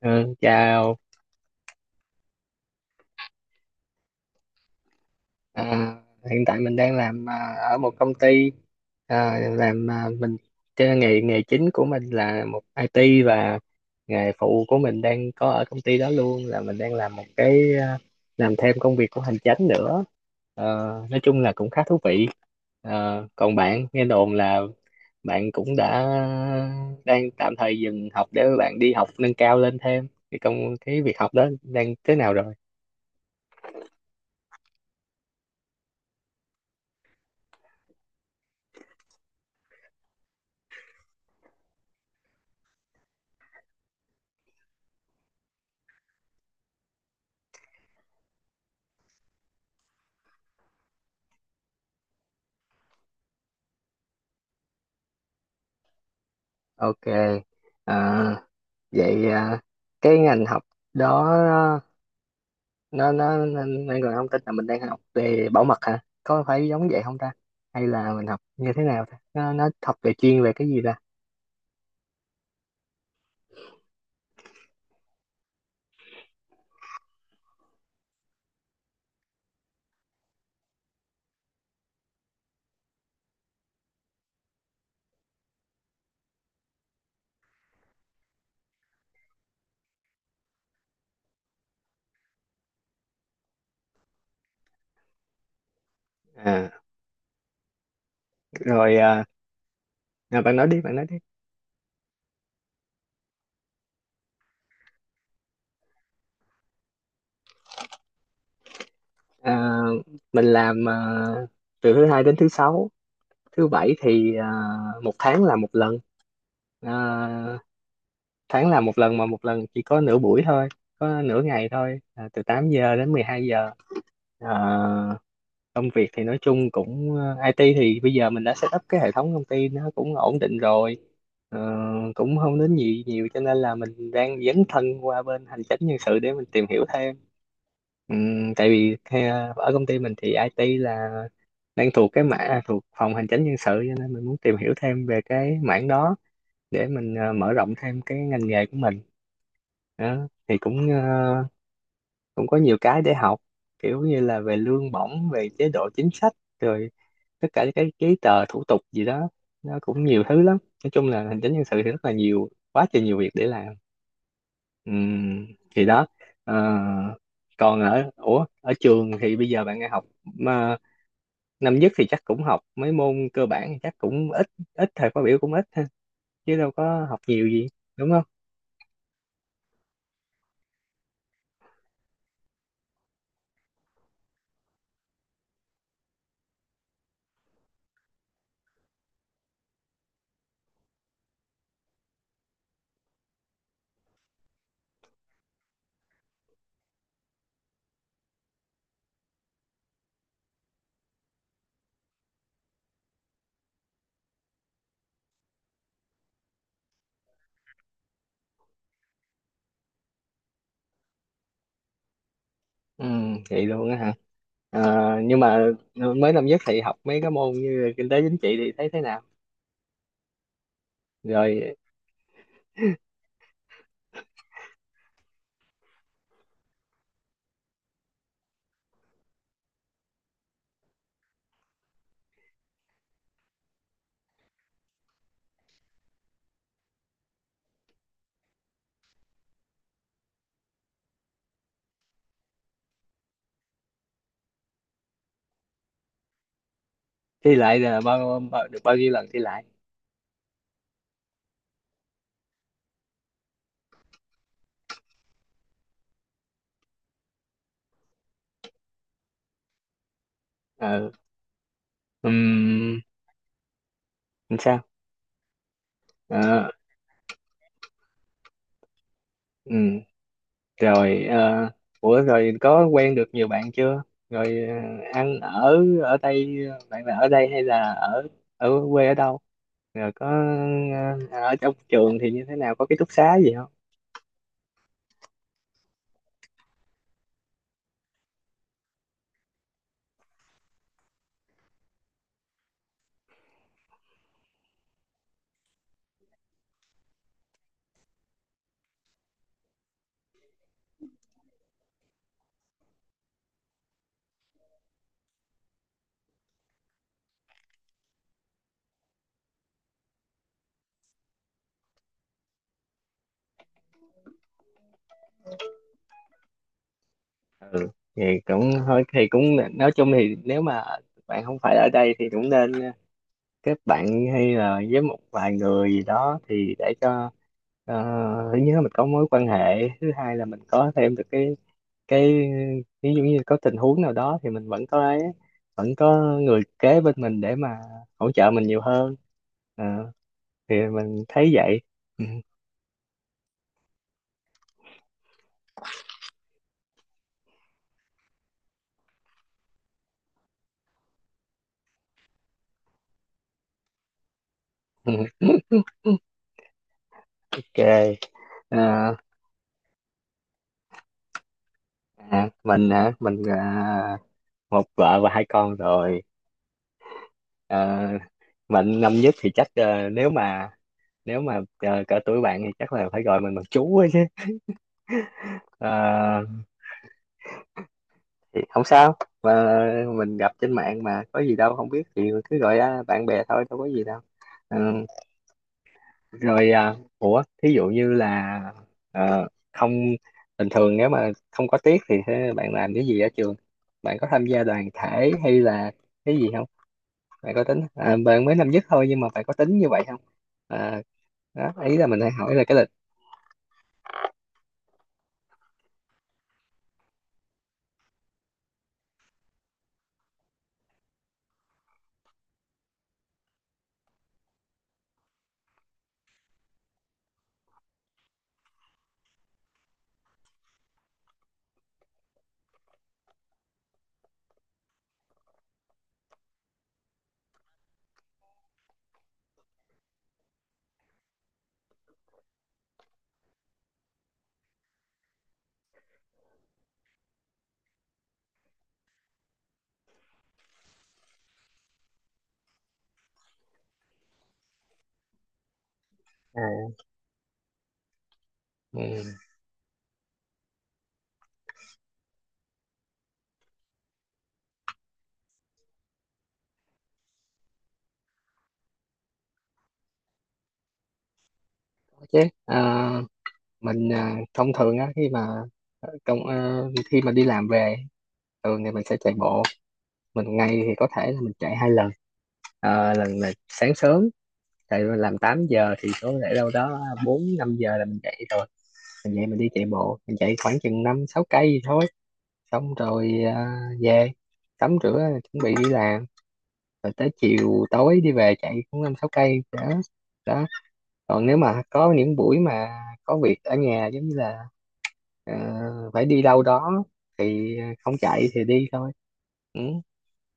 Ừ, chào. à, Hiện tại mình đang làm ở một công ty. À, làm à, mình Cái nghề nghề chính của mình là một IT, và nghề phụ của mình đang có ở công ty đó luôn là mình đang làm một cái, làm thêm công việc của hành chánh nữa. Ờ, nói chung là cũng khá thú vị. Còn bạn, nghe đồn là bạn cũng đã đang tạm thời dừng học để bạn đi học nâng cao lên thêm, cái công cái việc học đó đang thế nào rồi? Ok. À, vậy à, cái ngành học đó nó còn thông tin là mình đang học về bảo mật hả, có phải giống vậy không ta? Hay là mình học như thế nào ta, nó học về chuyên về cái gì ta? À rồi. À, Bạn nói đi, bạn nói đi. à, mình làm từ thứ hai đến thứ sáu. Thứ bảy thì một tháng là một lần. à, Tháng là một lần mà một lần chỉ có nửa buổi thôi, có nửa ngày thôi, từ 8 giờ đến 12 giờ. à, Công việc thì nói chung cũng IT thì bây giờ mình đã set up cái hệ thống công ty, nó cũng ổn định rồi. Ờ, Cũng không đến nhiều nhiều cho nên là mình đang dấn thân qua bên hành chính nhân sự để mình tìm hiểu thêm. Tại vì ở công ty mình thì IT là đang thuộc cái mã, thuộc phòng hành chính nhân sự, cho nên mình muốn tìm hiểu thêm về cái mảng đó để mình mở rộng thêm cái ngành nghề của mình. Đó, thì cũng cũng có nhiều cái để học, kiểu như là về lương bổng, về chế độ chính sách, rồi tất cả những cái giấy tờ thủ tục gì đó, nó cũng nhiều thứ lắm. Nói chung là hành chính nhân sự thì rất là nhiều, quá trời nhiều việc để làm. Ừm, thì đó. Ờ, Còn ở, ủa ở trường thì bây giờ bạn nghe học mà năm nhất thì chắc cũng học mấy môn cơ bản, thì chắc cũng ít, ít thời khóa biểu cũng ít ha, chứ đâu có học nhiều gì, đúng không? Ừ, vậy luôn á hả? À, nhưng mà mới năm nhất thì học mấy cái môn như kinh tế chính trị thì thấy thế nào? Rồi, thi lại là bao được bao nhiêu lần thi lại? Ờ, ừm, làm sao? Ờ, ừm, rồi ủa rồi có quen được nhiều bạn chưa? Rồi ăn ở, ở đây bạn là ở đây hay là ở, ở quê ở đâu? Rồi có ờ, ở trong trường thì như thế nào? Có ký túc xá gì. Ừ, thì cũng, thôi thì cũng, nói chung thì nếu mà bạn không phải ở đây thì cũng nên kết bạn, hay là với một vài người gì đó, thì để cho ờ, thứ nhất là mình có mối quan hệ, thứ hai là mình có thêm được cái ví dụ như có tình huống nào đó thì mình vẫn có ấy, vẫn có người kế bên mình để mà hỗ trợ mình nhiều hơn. Ờ, thì mình thấy vậy. Ừ, ok. Ờ, mình hả, mình một vợ và hai con rồi. Ờ, Mạnh năm nhất thì chắc nếu mà, nếu mà cỡ tuổi bạn thì chắc là phải gọi mình bằng chú ấy chứ. Ờ, thì không sao, mà mình gặp trên mạng mà, có gì đâu, không biết thì cứ gọi bạn bè thôi, đâu có gì đâu. Ờ, Rồi ủa thí dụ như là không, bình thường nếu mà không có tiết thì thế bạn làm cái gì ở trường? Bạn có tham gia đoàn thể hay là cái gì không? Bạn có tính, bạn mới năm nhất thôi nhưng mà bạn có tính như vậy không? Ờ, Đó, ý là mình hay hỏi là cái lịch. À, ừ. Chứ à, mình thông thường á, khi mà ờ, công à, khi mà đi làm về thường thì mình sẽ chạy bộ. Mình ngày thì có thể là mình chạy hai lần. Lần là sáng sớm, chạy làm 8 giờ thì có thể đâu đó 4 5 giờ là mình chạy rồi. Mình dậy mình đi chạy bộ, mình chạy khoảng chừng 5 6 cây gì thôi. Xong rồi về tắm rửa, chuẩn bị đi làm. Rồi tới chiều tối đi về chạy cũng 5 6 cây đó. Đó, còn nếu mà có những buổi mà có việc ở nhà, giống như là ờ, phải đi đâu đó, thì không chạy thì đi thôi. Ừ,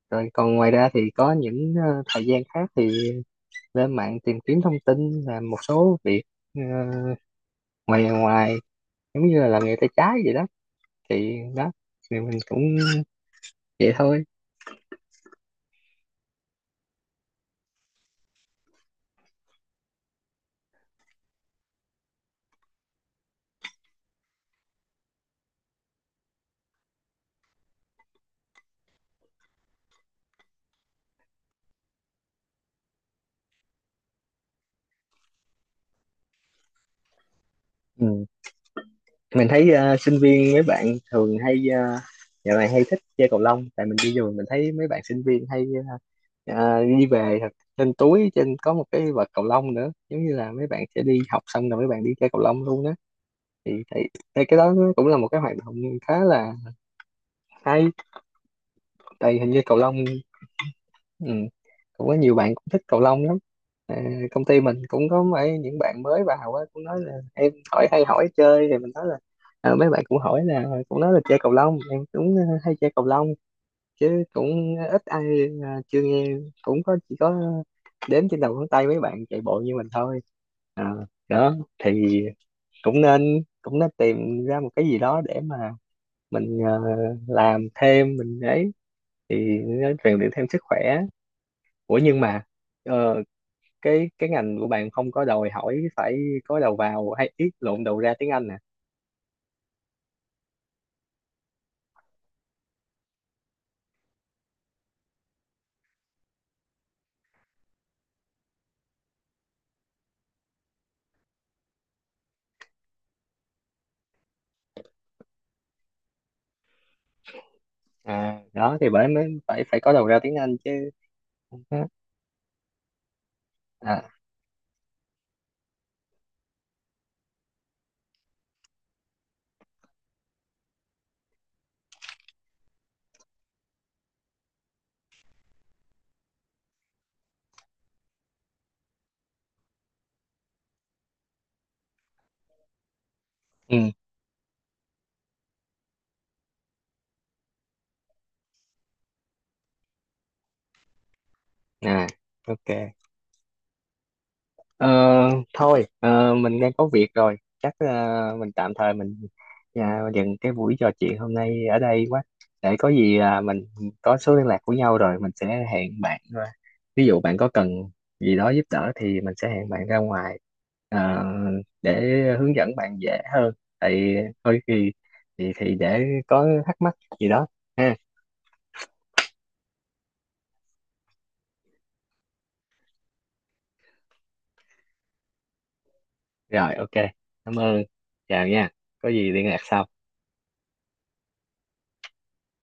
rồi còn ngoài ra thì có những thời gian khác thì lên mạng tìm kiếm thông tin, làm một số việc ờ, ngoài ngoài, giống như là làm nghề tay trái vậy đó. Thì đó, thì mình cũng vậy thôi. Ừ, mình thấy sinh viên mấy bạn thường hay dạo này hay thích chơi cầu lông. Tại mình đi rồi mình thấy mấy bạn sinh viên hay đi về, trên túi trên có một cái vợt cầu lông nữa, giống như là mấy bạn sẽ đi học xong rồi mấy bạn đi chơi cầu lông luôn đó. Thì thấy, thấy cái đó nó cũng là một cái hoạt động khá là hay. Tại hình như cầu lông, ừ, cũng có nhiều bạn cũng thích cầu lông lắm. À, công ty mình cũng có mấy những bạn mới vào á, cũng nói là em hỏi hay hỏi chơi thì mình nói là, à, mấy bạn cũng hỏi là, cũng nói là chơi cầu lông, em cũng hay chơi cầu lông. Chứ cũng ít ai, chưa nghe, cũng có, chỉ có đếm trên đầu ngón tay mấy bạn chạy bộ như mình thôi. à, Đó, thì cũng nên tìm ra một cái gì đó để mà mình làm thêm mình ấy, thì nó rèn luyện thêm sức khỏe. Ủa nhưng mà ờ, cái ngành của bạn không có đòi hỏi phải có đầu vào, hay ít, lộn, đầu ra tiếng Anh nè? À đó, thì bởi mới phải, phải có đầu ra tiếng Anh chứ. À, ừ, à, ok. Ờ, Thôi mình đang có việc rồi, chắc mình tạm thời mình dừng cái buổi trò chuyện hôm nay ở đây quá. Để có gì mình có số liên lạc của nhau rồi mình sẽ hẹn bạn ra. Ví dụ bạn có cần gì đó giúp đỡ thì mình sẽ hẹn bạn ra ngoài ờ, để hướng dẫn bạn dễ hơn. Thì thôi thì, thì để có thắc mắc gì đó ha. Rồi ok, cảm ơn, chào nha, có gì liên lạc sau.